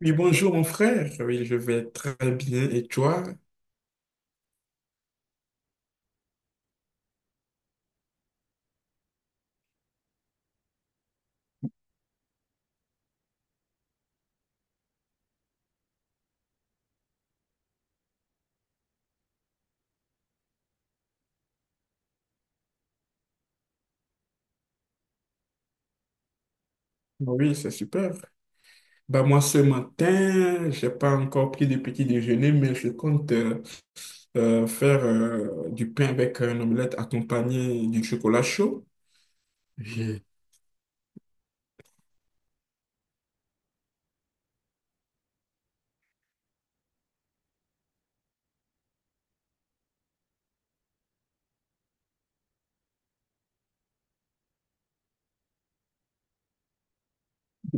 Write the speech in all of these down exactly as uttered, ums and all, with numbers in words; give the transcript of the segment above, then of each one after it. Oui, bonjour mon frère. Oui, je vais très bien. Et toi? Oui, c'est super. Bah, moi, ce matin, j'ai pas encore pris de petit déjeuner, mais je compte euh, euh, faire euh, du pain avec un omelette accompagné du chocolat chaud. J'ai-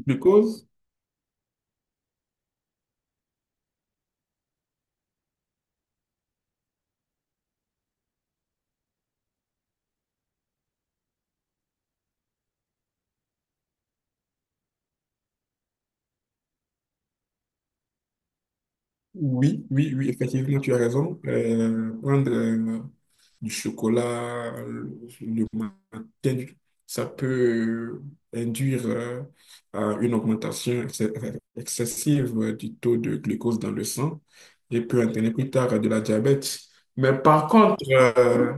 du Oui, oui, oui, effectivement, tu as raison. Euh, prendre euh, du chocolat le le matin, ça peut euh, induire euh, à une augmentation ex- excessive euh, du taux de glucose dans le sang et peut entraîner plus tard euh, de la diabète. Mais par contre, euh,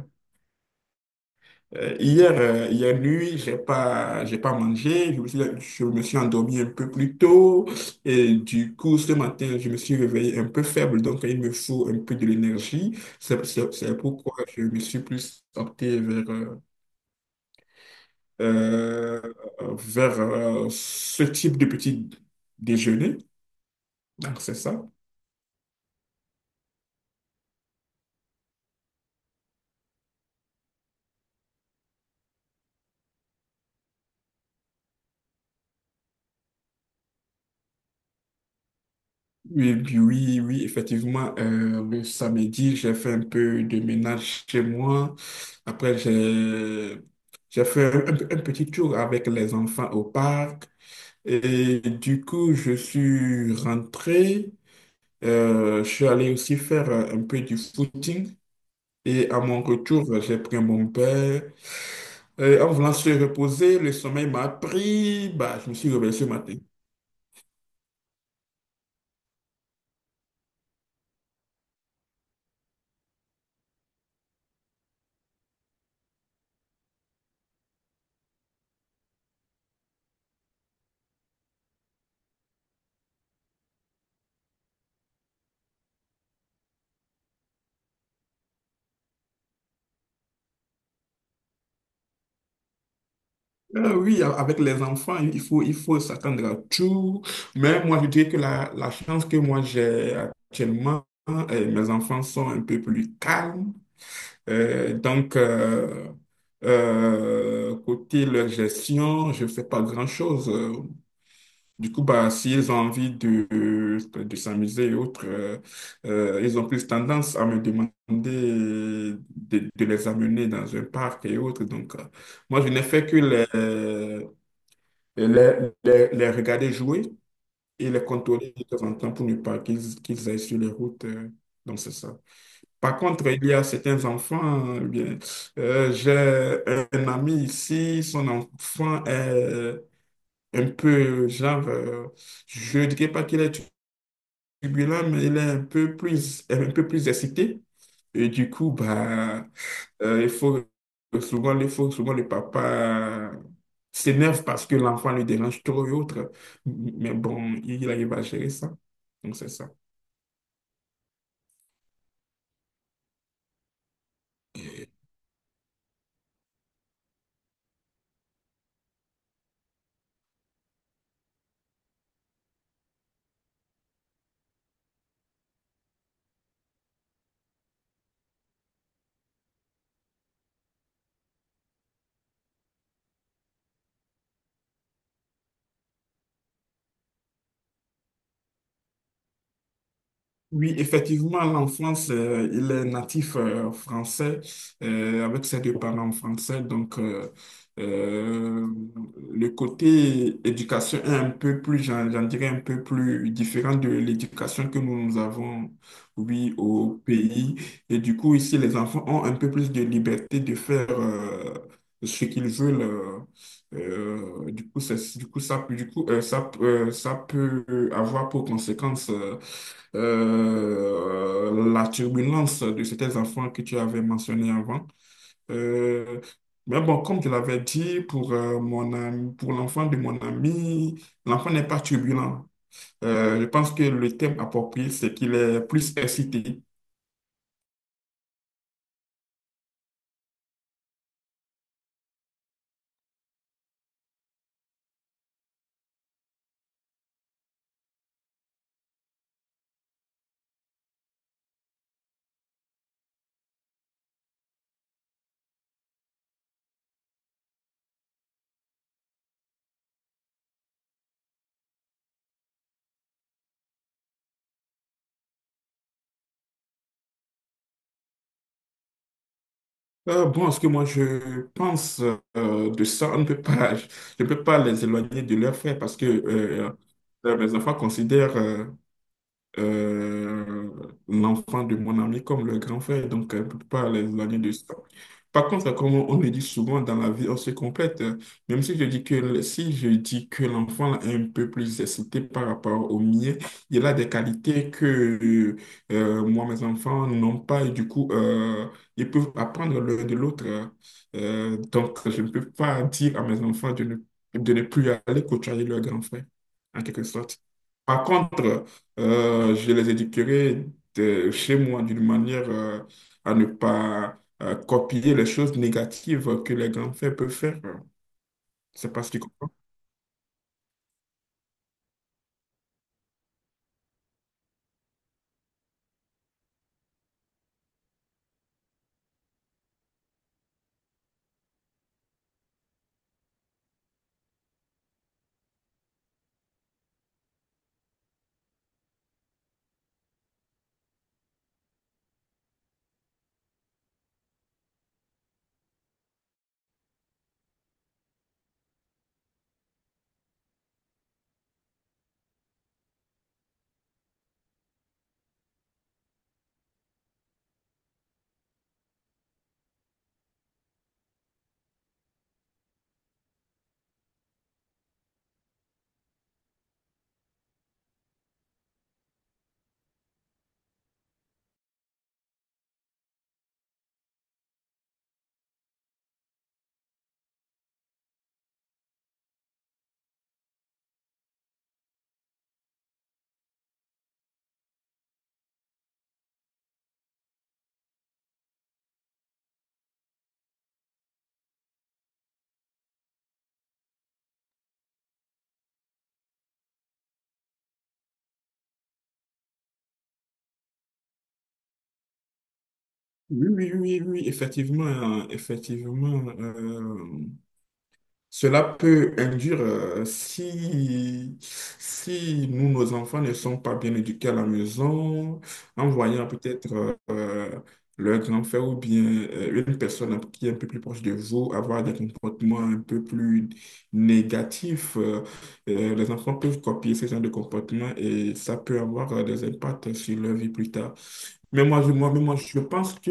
euh, hier, euh, hier nuit, j'ai pas, j'ai pas mangé. Je me suis, je me suis endormi un peu plus tôt. Et du coup, ce matin, je me suis réveillé un peu faible. Donc, il me faut un peu de l'énergie. C'est c'est- c'est pourquoi je me suis plus opté vers, euh, euh, vers euh, ce type de petit déjeuner. Alors, c'est ça. Oui, oui, oui, oui, effectivement, euh, le samedi, j'ai fait un peu de ménage chez moi. Après, j'ai j'ai fait un, un- un petit tour avec les enfants au parc. Et du coup, je suis rentré. Euh, je suis allé aussi faire euh, un peu du footing. Et à mon retour, j'ai pris mon père. Euh, en voulant se reposer, le sommeil m'a pris. Bah, je me suis réveillé ce matin. Euh, oui, a- avec les enfants, il faut, il faut s'attendre à tout. Mais moi, je dirais que la, la chance que moi j'ai actuellement, euh, mes enfants sont un peu plus calmes. Euh, donc, euh, euh, côté leur gestion, je ne fais pas grand-chose. Du coup, bah, s'ils ont envie de, euh, de s'amuser et autres, euh, euh, ils ont plus tendance à me demander de, de les amener dans un parc et autres. Donc, euh, moi, je n'ai fait que les, les, les, les regarder jouer et les contrôler de temps en temps pour ne pas qu'ils qu'ils aillent sur les routes. euh. Donc, c'est ça. Par contre, il y a certains enfants, euh, bien, euh, j'ai un ami ici, son enfant est un peu, genre, euh, je ne dirais pas qu'il est turbulent, mais il est un peu plus, euh, un peu plus excité. Et du coup, bah, euh, il faut souvent, il faut souvent le papa s'énerve parce que l'enfant lui dérange trop et autres. Mais bon, il arrive à gérer ça. Donc, c'est ça. Oui, effectivement, l'enfant il est natif euh, français, euh, avec ses deux parents français. Donc, euh, euh, le côté éducation est un peu plus, j'en j'en dirais, un peu plus différent de l'éducation que nous, nous avons, oui, au pays. Et du coup, ici, les enfants ont un peu plus de liberté de faire euh, ce qu'ils veulent. Euh, euh, du coup, c'est- du coup, ça, peut- du coup, euh, ça, euh, ça peut avoir pour conséquence euh, euh, la turbulence de ces enfants que tu avais mentionné avant. Euh, mais bon, comme je l'avais dit, pour, euh, mon ami, pour l'enfant de mon ami, l'enfant n'est pas turbulent. Euh, je pense que le thème approprié, c'est qu'il est plus excité. Euh, bon, ce que moi je pense euh, de ça, on ne peut pas, je ne peux pas les éloigner de leurs frères parce que euh, euh, mes enfants considèrent euh, euh, l'enfant de mon ami comme le grand frère, donc elle ne peut pas les éloigner de ça. Par contre, comme on le dit souvent dans la vie, on se complète. Même si je dis que Si je dis que l'enfant est un peu plus excité par rapport au mien, il a des qualités que euh, moi, mes enfants n'ont pas et du coup, euh, ils peuvent apprendre l'un de l'autre. Euh, donc, je ne peux pas dire à mes enfants de ne, de ne plus aller côtoyer leur grand frère, en quelque sorte. Par contre, euh, je les éduquerai de chez moi d'une manière euh, à ne pas euh, copier les choses négatives que les grands-pères peuvent faire. C'est pas ce qu'ils comprennent. Oui, oui, oui, oui, effectivement, euh, effectivement. euh, cela peut induire, euh, si, si nous, nos enfants ne sont pas bien éduqués à la maison, en voyant peut-être euh, euh, leur grand-frère ou bien euh, une personne qui est un peu plus proche de vous avoir des comportements un peu plus négatifs, euh, euh, les enfants peuvent copier ce genre de comportement et ça peut avoir euh, des impacts sur leur vie plus tard. Mais moi, je, moi, mais moi, je pense que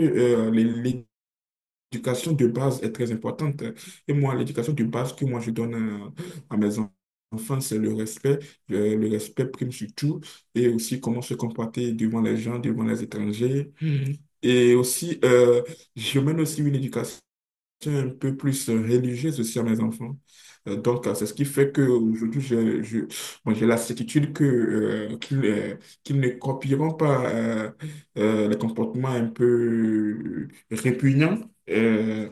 l'éducation de base est très importante. Et moi, l'éducation de base que moi je donne euh, à mes en- enfants, c'est le respect. Le, le respect prime sur tout. Et aussi comment se comporter devant les gens, devant les étrangers. Et aussi, euh, je mène aussi une éducation un peu plus religieuse aussi à mes enfants. Euh, donc, euh, c'est ce qui fait qu'aujourd'hui, je, je, bon, j'ai la certitude que, euh, qu'ils, euh, qu'ils ne copieront pas euh, euh, les comportements un peu répugnants euh,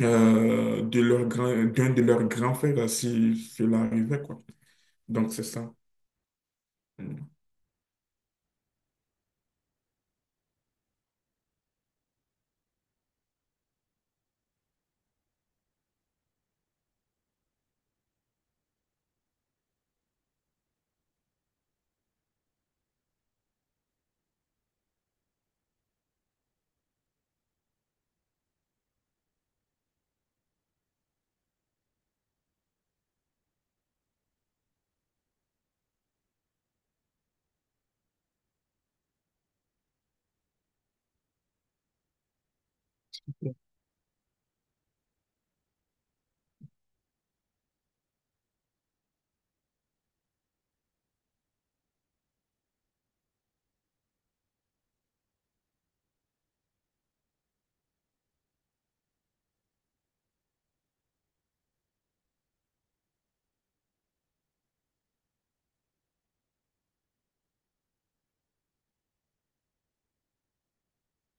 euh, de leur grand, d'un de leurs grands frères, euh, si cela arrivait, quoi. Donc, c'est ça. Mm.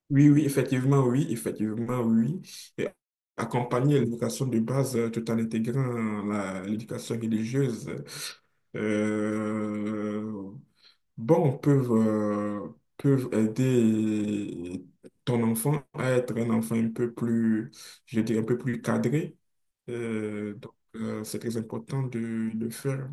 Oui, oui, effectivement, oui, effectivement, oui. Et accompagner l'éducation de base, euh, tout en intégrant la- l'éducation religieuse. Euh, bon, peuvent, euh, Peuvent aider ton enfant à être un enfant un peu plus, je dirais, un peu plus cadré. Euh, donc, euh, c'est très important de le faire.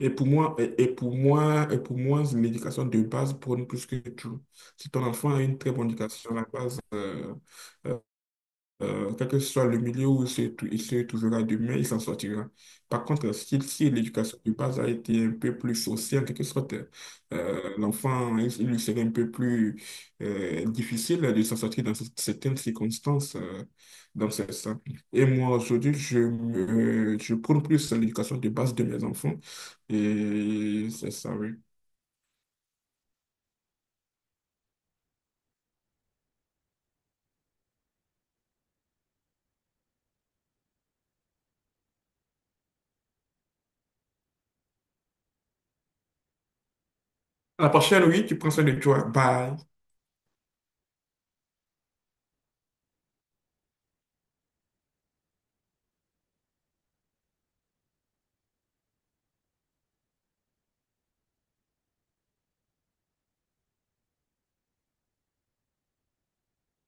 Et pour moi, et, et pour moi, et pour moi, l'éducation de base prône plus que tout. Si ton enfant a une très bonne éducation à la base, euh, euh, euh, quel que soit le milieu où il se, trou- il se trouvera demain, il s'en sortira. Par contre, si, si l'éducation de base a été un peu plus sociale, en quelque sorte, euh, l'enfant, il, il lui serait un peu plus euh, difficile de s'en sortir dans certaines circonstances, euh, dans ce sens. Et moi, aujourd'hui, je, me- je prône plus l'éducation de base de mes enfants. Et c'est ça, oui. À la prochaine, oui, tu prends soin de toi. Bye.